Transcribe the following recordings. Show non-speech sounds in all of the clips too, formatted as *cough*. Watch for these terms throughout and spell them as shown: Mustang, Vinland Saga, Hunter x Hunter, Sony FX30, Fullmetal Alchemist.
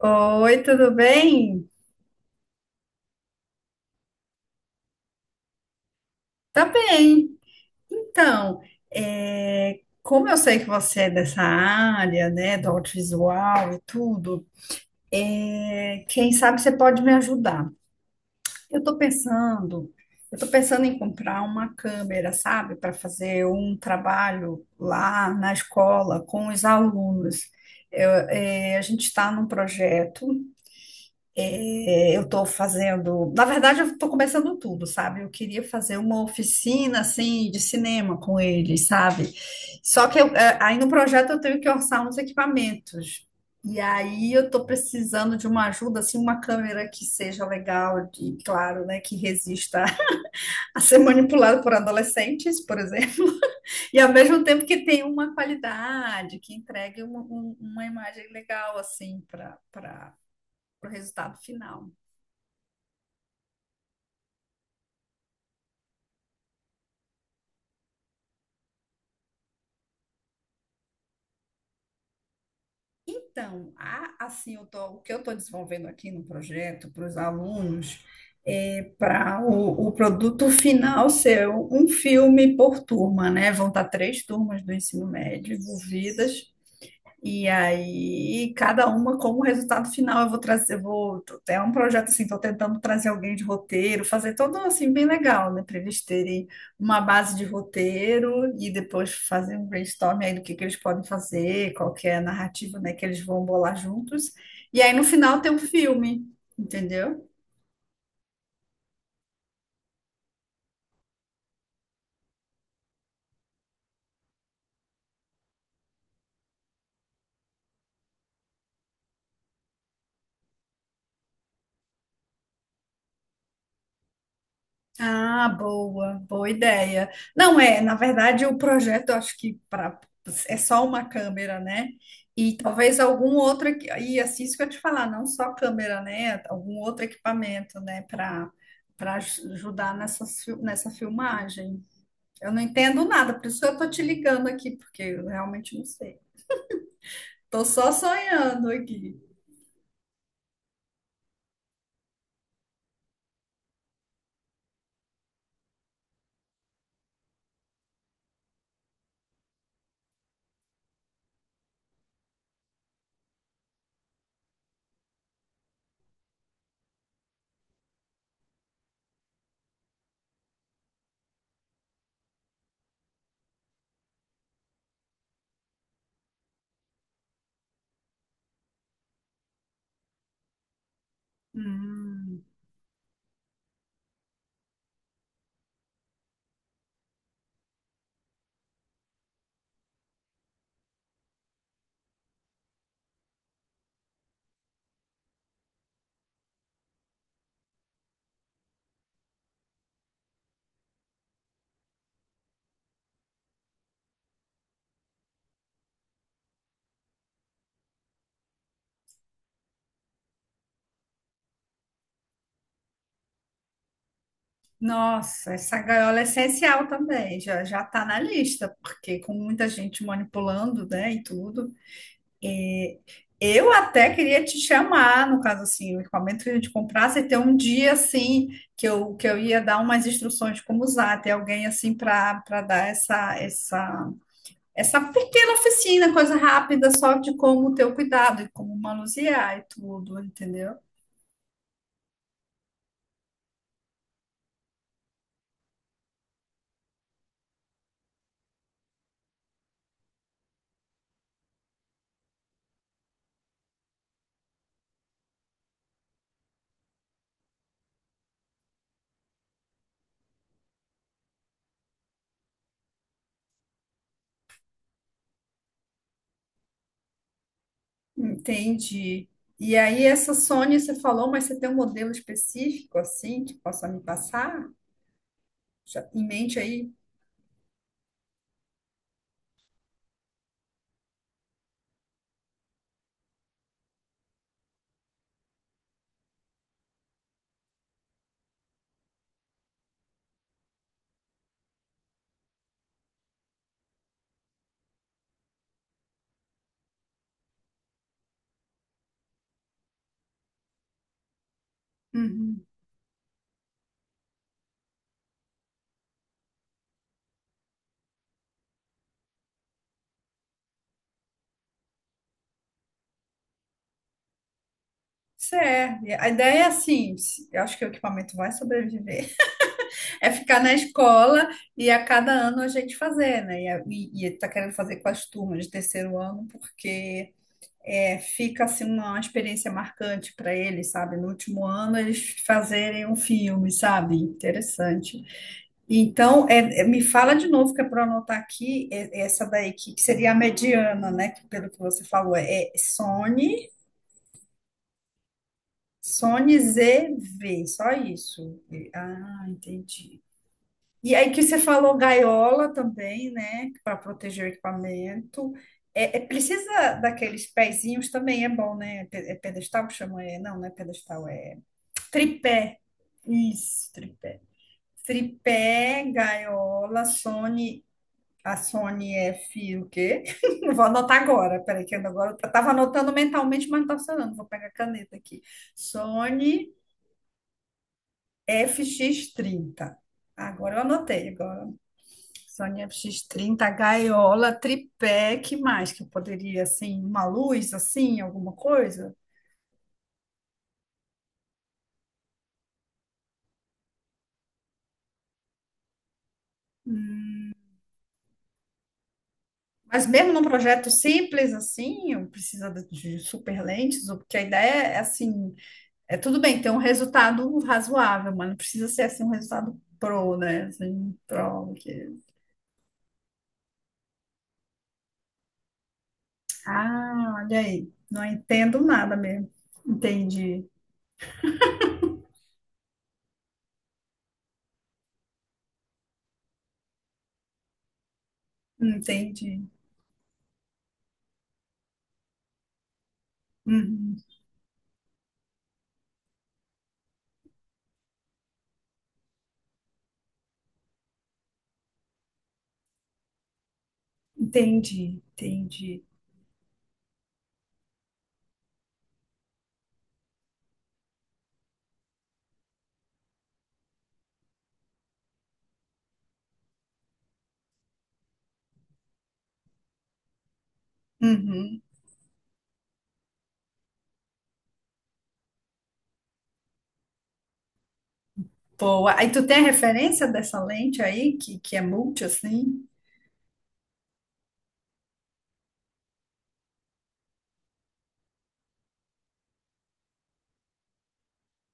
Oi, tudo bem? Tá bem. Então, como eu sei que você é dessa área, né, do audiovisual e tudo, quem sabe você pode me ajudar. Eu tô pensando, eu tô pensando em comprar uma câmera, sabe, para fazer um trabalho lá na escola com os alunos. A gente está num projeto. Eu estou fazendo, na verdade, eu estou começando tudo, sabe? Eu queria fazer uma oficina assim de cinema com eles, sabe? Só que eu, aí no projeto eu tenho que orçar uns equipamentos. E aí eu estou precisando de uma ajuda, assim, uma câmera que seja legal e, claro, né, que resista *laughs* a ser manipulada por adolescentes, por exemplo. E ao mesmo tempo que tenha uma qualidade, que entregue uma imagem legal, assim, para o resultado final. Então, há, assim, o que eu estou desenvolvendo aqui no projeto para os alunos é para o produto final ser um filme por turma, né? Vão estar três turmas do ensino médio envolvidas e aí, cada uma como resultado final, eu vou trazer, eu vou, tô- é um projeto assim, estou tentando trazer alguém de roteiro, fazer todo assim bem legal, né, para eles terem uma base de roteiro e depois fazer um brainstorm aí do que eles podem fazer, qual que é a narrativa, né, que eles vão bolar juntos. E aí no final tem um filme, entendeu? Ah, boa, boa ideia. Não é, na verdade, o projeto eu acho que pra, é só uma câmera, né? E talvez algum outro, e assim isso que eu te falar, não só câmera, né? Algum outro equipamento, né, para para ajudar nessa filmagem. Eu não entendo nada, por isso que eu tô te ligando aqui, porque eu realmente não sei. Tô só sonhando aqui. Hum. Nossa, essa gaiola é essencial também, já já está na lista, porque com muita gente manipulando, né, e tudo. É, eu até queria te chamar, no caso assim, o equipamento que a gente comprasse, e ter um dia assim que eu ia dar umas instruções de como usar, ter alguém assim para dar essa pequena oficina, coisa rápida, só de como ter o cuidado e como manusear e tudo, entendeu? Entendi. E aí, essa Sony você falou, mas você tem um modelo específico assim que possa me passar? Já em mente aí? Uhum. Certo. A ideia é assim, eu acho que o equipamento vai sobreviver, *laughs* é ficar na escola e a cada ano a gente fazer, né? E tá querendo fazer com as turmas de terceiro ano, porque fica assim uma experiência marcante para eles, sabe? No último ano eles fazerem um filme, sabe? Interessante. Então, me fala de novo, que é para anotar aqui, essa daí, que seria a mediana, né? Que pelo que você falou, é Sony, Sony ZV, só isso. Ah, entendi. E aí que você falou gaiola também, né? Para proteger o equipamento. Precisa daqueles pezinhos também, é bom, né? É pedestal que chama? É, não, não é pedestal, é tripé. Isso, tripé. Tripé, gaiola, Sony, a Sony F, o quê? *laughs* Não. Vou anotar agora, peraí, que eu agora eu tava anotando mentalmente, mas não tá funcionando. Vou pegar a caneta aqui. Sony FX30. Agora eu anotei, agora. Sony FX30, gaiola, tripé, que mais que eu poderia, assim, uma luz, assim, alguma coisa? Mas mesmo num projeto simples, assim, eu precisa de super lentes, porque a ideia é, assim, é tudo bem ter um resultado razoável, mas não precisa ser, assim, um resultado pro, né? Assim, pro, porque... Ah, olha aí, não entendo nada mesmo. Entendi, entendi, uhum, entendi, entendi. Uhum. Boa. Aí tu tem a referência dessa lente aí, que é multi, assim?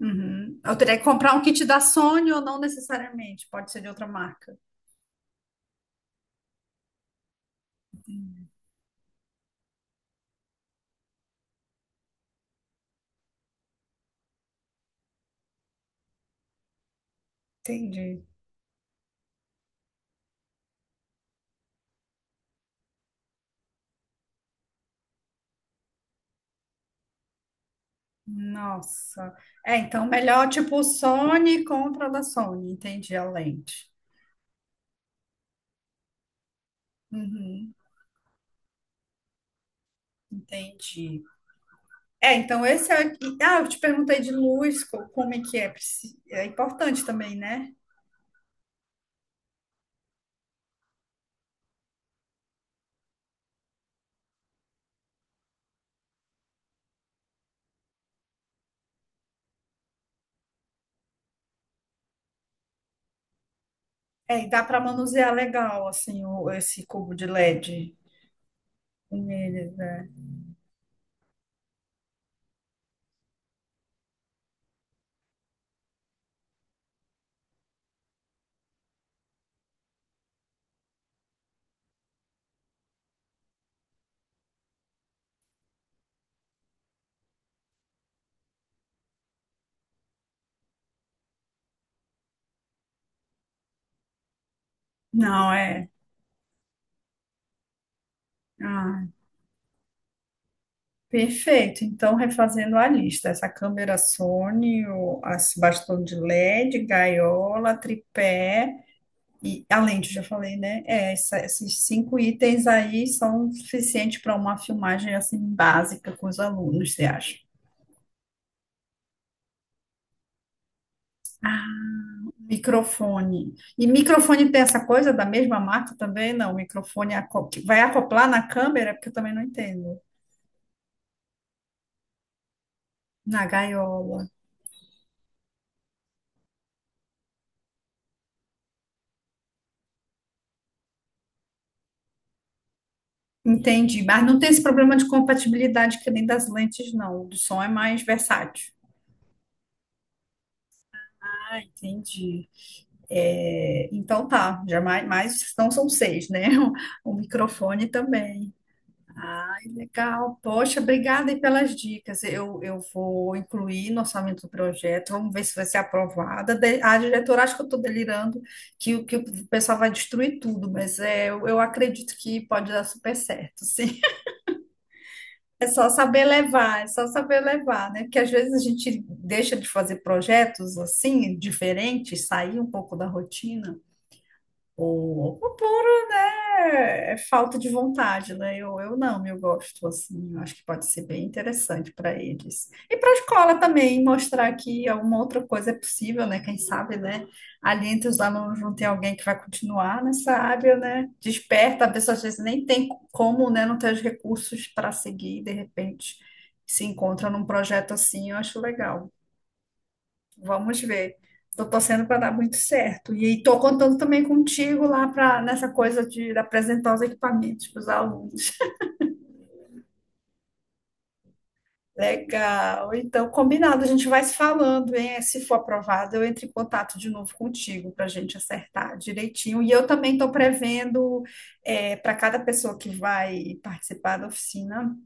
Uhum. Eu teria que comprar um kit da Sony ou não necessariamente, pode ser de outra marca. Entendi. Nossa. É, então melhor tipo Sony compra da Sony, entendi a lente. Uhum, entendi. É, então esse é. Ah, eu te perguntei de luz, como é que é? É importante também, né? É, e dá para manusear legal, assim, esse cubo de LED com ele, né? Não, é. Ah, perfeito. Então, refazendo a lista, essa câmera Sony, o as bastão de LED, gaiola, tripé e a lente, já falei, né? É, esses 5 itens aí são suficientes para uma filmagem assim básica com os alunos, você acha? Ah, microfone. E microfone tem essa coisa da mesma marca também? Não, microfone que vai acoplar na câmera, porque eu também não entendo. Na gaiola. Entendi. Mas não tem esse problema de compatibilidade que nem das lentes, não. O do som é mais versátil. Ah, entendi. É, então tá, já mais, mais então são seis, né? *laughs* O, microfone também. Ah, legal. Poxa, obrigada aí pelas dicas. Eu vou incluir no orçamento do projeto. Vamos ver se vai ser aprovada. A diretora acha que eu estou delirando, que, que o pessoal vai destruir tudo, mas é, eu acredito que pode dar super certo, sim. É só saber levar, é só saber levar, né? Porque às vezes a gente deixa de fazer projetos assim, diferentes, sair um pouco da rotina. O o puro, né? É falta de vontade, né? Eu não, Eu gosto, assim, eu acho que pode ser bem interessante para eles. E para a escola também, mostrar que alguma outra coisa é possível, né? Quem sabe, né? Ali entre os alunos não tem alguém que vai continuar nessa área, né? Desperta, a pessoa às vezes nem tem como, né? Não tem os recursos para seguir, de repente se encontra num projeto assim, eu acho legal. Vamos ver. Estou torcendo para dar muito certo. E estou contando também contigo lá para nessa coisa de apresentar os equipamentos para os alunos. *laughs* Legal. Então, combinado, a gente vai se falando, hein? Se for aprovado, eu entro em contato de novo contigo para a gente acertar direitinho. E eu também estou prevendo para cada pessoa que vai participar da oficina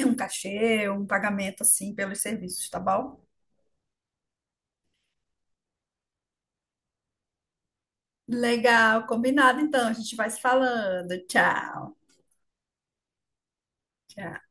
um cachê, um pagamento assim pelos serviços, tá bom? Legal, combinado então, a gente vai se falando. Tchau. Tchau.